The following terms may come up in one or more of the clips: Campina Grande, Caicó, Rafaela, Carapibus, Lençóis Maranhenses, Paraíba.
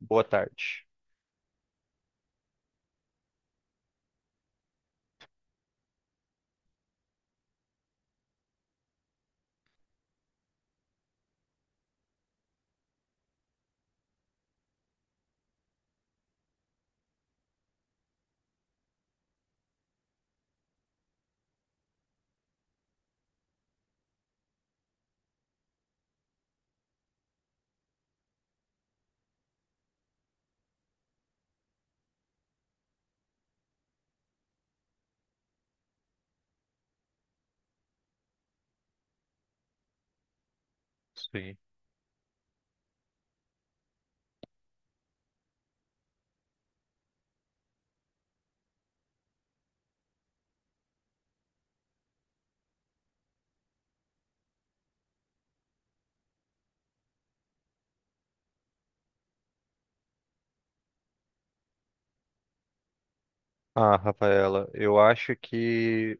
Boa tarde. Sim. Ah, Rafaela, eu acho que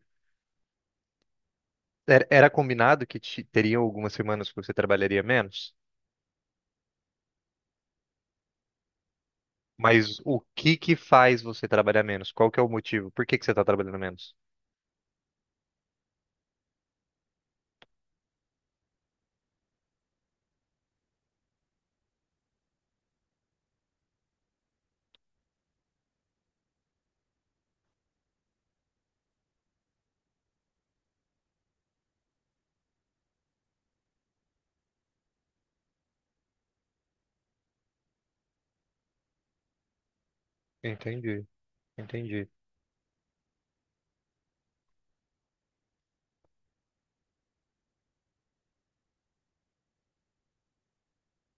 era combinado que teriam algumas semanas que você trabalharia menos, mas o que que faz você trabalhar menos? Qual que é o motivo? Por que que você está trabalhando menos? Entendi, entendi.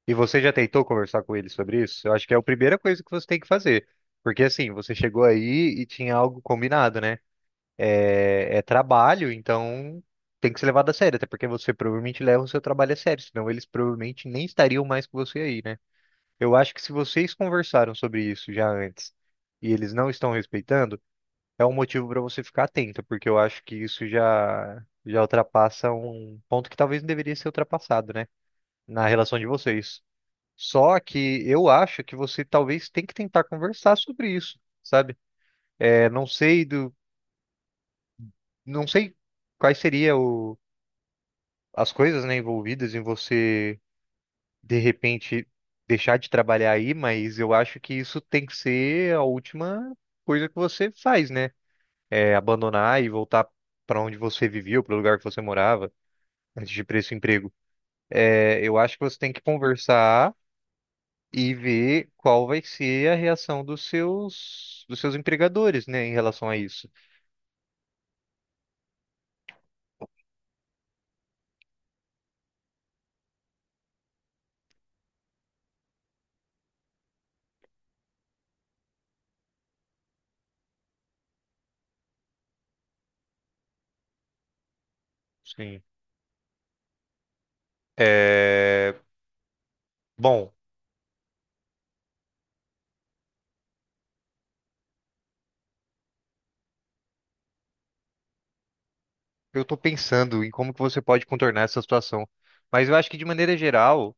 E você já tentou conversar com ele sobre isso? Eu acho que é a primeira coisa que você tem que fazer, porque assim, você chegou aí e tinha algo combinado, né? É trabalho, então tem que ser levado a sério, até porque você provavelmente leva o seu trabalho a sério, senão eles provavelmente nem estariam mais com você aí, né? Eu acho que se vocês conversaram sobre isso já antes e eles não estão respeitando, é um motivo para você ficar atento, porque eu acho que isso já ultrapassa um ponto que talvez não deveria ser ultrapassado, né? Na relação de vocês. Só que eu acho que você talvez tem que tentar conversar sobre isso, sabe? É, não sei do, não sei quais seriam as coisas, né, envolvidas em você de repente deixar de trabalhar aí, mas eu acho que isso tem que ser a última coisa que você faz, né? É abandonar e voltar para onde você vivia, para o lugar que você morava, antes de ir para esse emprego. Eu acho que você tem que conversar e ver qual vai ser a reação dos seus empregadores, né, em relação a isso. Sim. É, bom. Eu tô pensando em como que você pode contornar essa situação. Mas eu acho que, de maneira geral,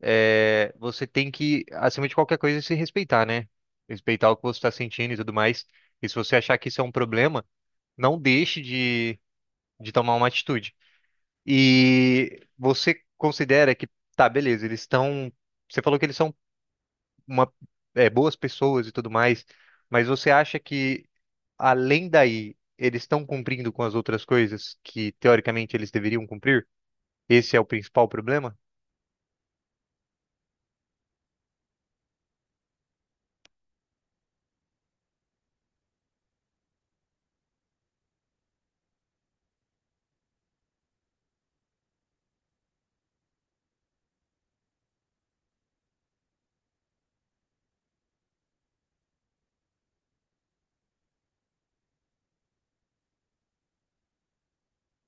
você tem que, acima de qualquer coisa, se respeitar, né? Respeitar o que você está sentindo e tudo mais. E se você achar que isso é um problema, não deixe de tomar uma atitude. E você considera que, tá, beleza, eles estão. Você falou que eles são uma, boas pessoas e tudo mais, mas você acha que, além daí, eles estão cumprindo com as outras coisas que, teoricamente, eles deveriam cumprir? Esse é o principal problema?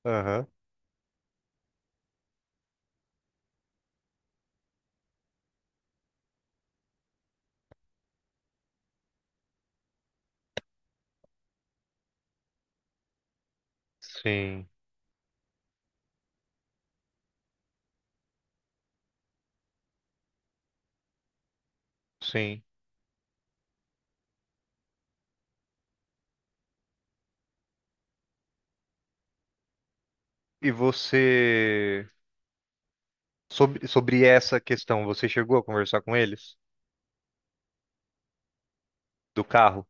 Aham. Sim, sim. E você, sobre essa questão, você chegou a conversar com eles? Do carro?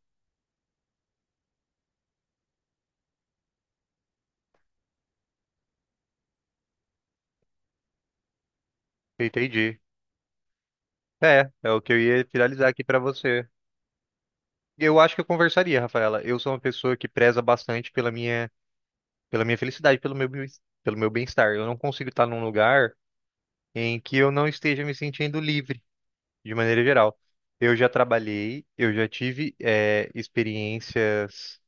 Entendi. É, é o que eu ia finalizar aqui pra você. Eu acho que eu conversaria, Rafaela. Eu sou uma pessoa que preza bastante pela pela minha felicidade, pelo meu bem-estar. Eu não consigo estar num lugar em que eu não esteja me sentindo livre. De maneira geral. Eu já trabalhei, eu já tive experiências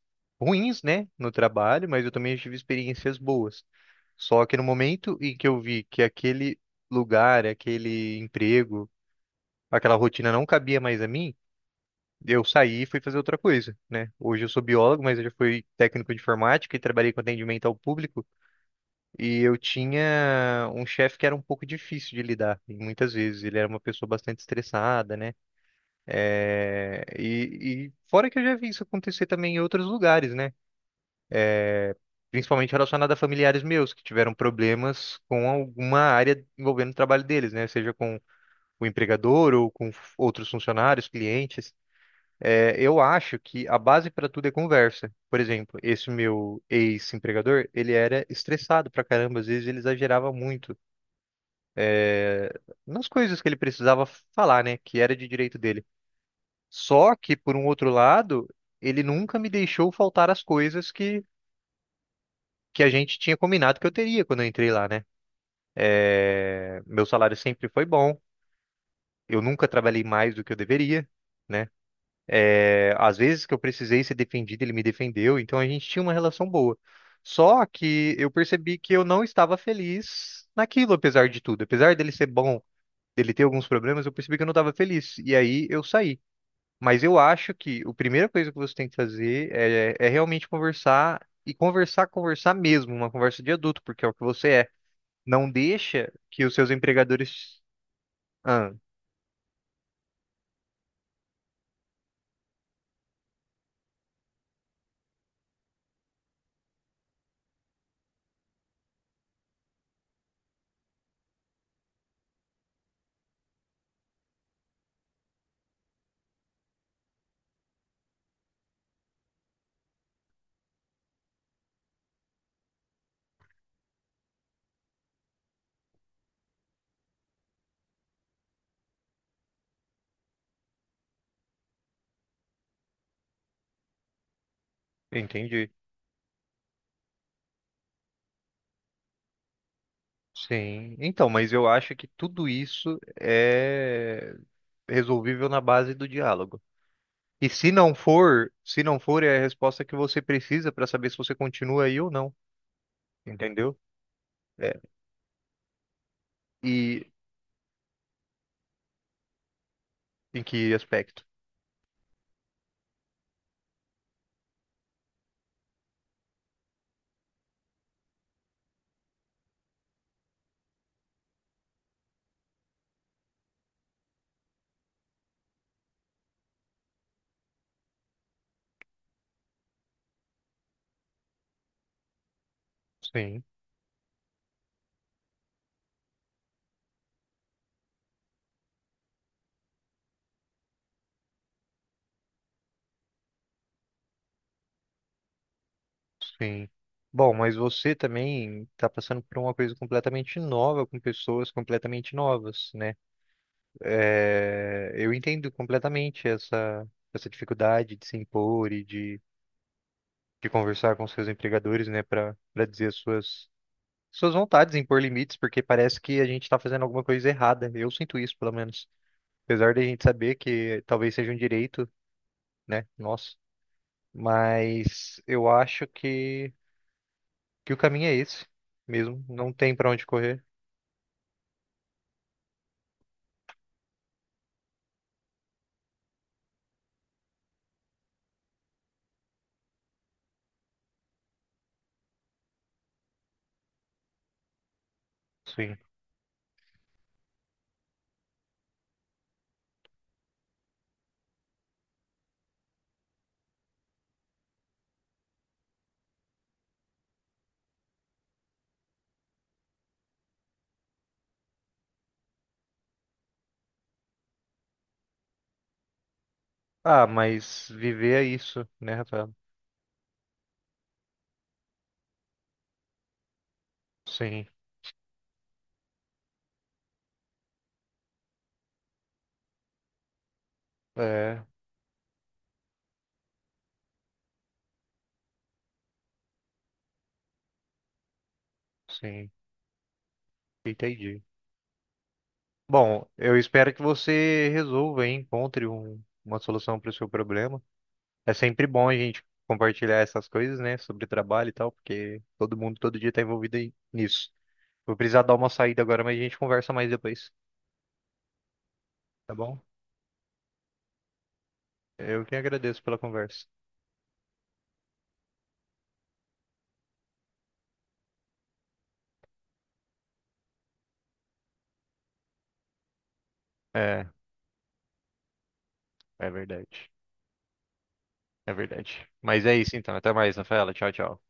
ruins, né, no trabalho, mas eu também tive experiências boas. Só que no momento em que eu vi que aquele lugar, aquele emprego, aquela rotina não cabia mais a mim, eu saí e fui fazer outra coisa, né? Hoje eu sou biólogo, mas eu já fui técnico de informática e trabalhei com atendimento ao público, e eu tinha um chefe que era um pouco difícil de lidar, e muitas vezes ele era uma pessoa bastante estressada, né? E fora que eu já vi isso acontecer também em outros lugares, né? Principalmente relacionado a familiares meus que tiveram problemas com alguma área envolvendo o trabalho deles, né? Seja com o empregador ou com outros funcionários, clientes. É, eu acho que a base para tudo é conversa. Por exemplo, esse meu ex-empregador, ele era estressado pra caramba, às vezes ele exagerava muito, é, nas coisas que ele precisava falar, né? Que era de direito dele. Só que, por um outro lado, ele nunca me deixou faltar as coisas que a gente tinha combinado que eu teria quando eu entrei lá, né? É, meu salário sempre foi bom, eu nunca trabalhei mais do que eu deveria, né? É, às vezes que eu precisei ser defendido, ele me defendeu, então a gente tinha uma relação boa. Só que eu percebi que eu não estava feliz naquilo, apesar de tudo. Apesar dele ser bom, dele ter alguns problemas, eu percebi que eu não estava feliz. E aí eu saí. Mas eu acho que a primeira coisa que você tem que fazer é realmente conversar e conversar, conversar mesmo, uma conversa de adulto, porque é o que você é. Não deixa que os seus empregadores. Ah, entendi. Sim. Então, mas eu acho que tudo isso é resolvível na base do diálogo. E se não for, se não for, é a resposta que você precisa para saber se você continua aí ou não, entendeu? É. E em que aspecto? Sim. Sim. Bom, mas você também está passando por uma coisa completamente nova, com pessoas completamente novas, né? Eu entendo completamente essa dificuldade de se impor e de conversar com seus empregadores, né, para dizer as suas vontades, impor limites, porque parece que a gente está fazendo alguma coisa errada. Eu sinto isso, pelo menos. Apesar de a gente saber que talvez seja um direito, né, nosso, mas eu acho que o caminho é esse mesmo, não tem para onde correr. Sim. Ah, mas viver é isso, né, Rafael? Sim, é, sim, entendi. Bom, eu espero que você resolva e encontre uma solução para o seu problema. É sempre bom a gente compartilhar essas coisas, né, sobre trabalho e tal, porque todo mundo todo dia está envolvido nisso. Vou precisar dar uma saída agora, mas a gente conversa mais depois, tá bom? Eu que agradeço pela conversa. É, é verdade. É verdade. Mas é isso então. Até mais, Rafaela. Tchau, tchau.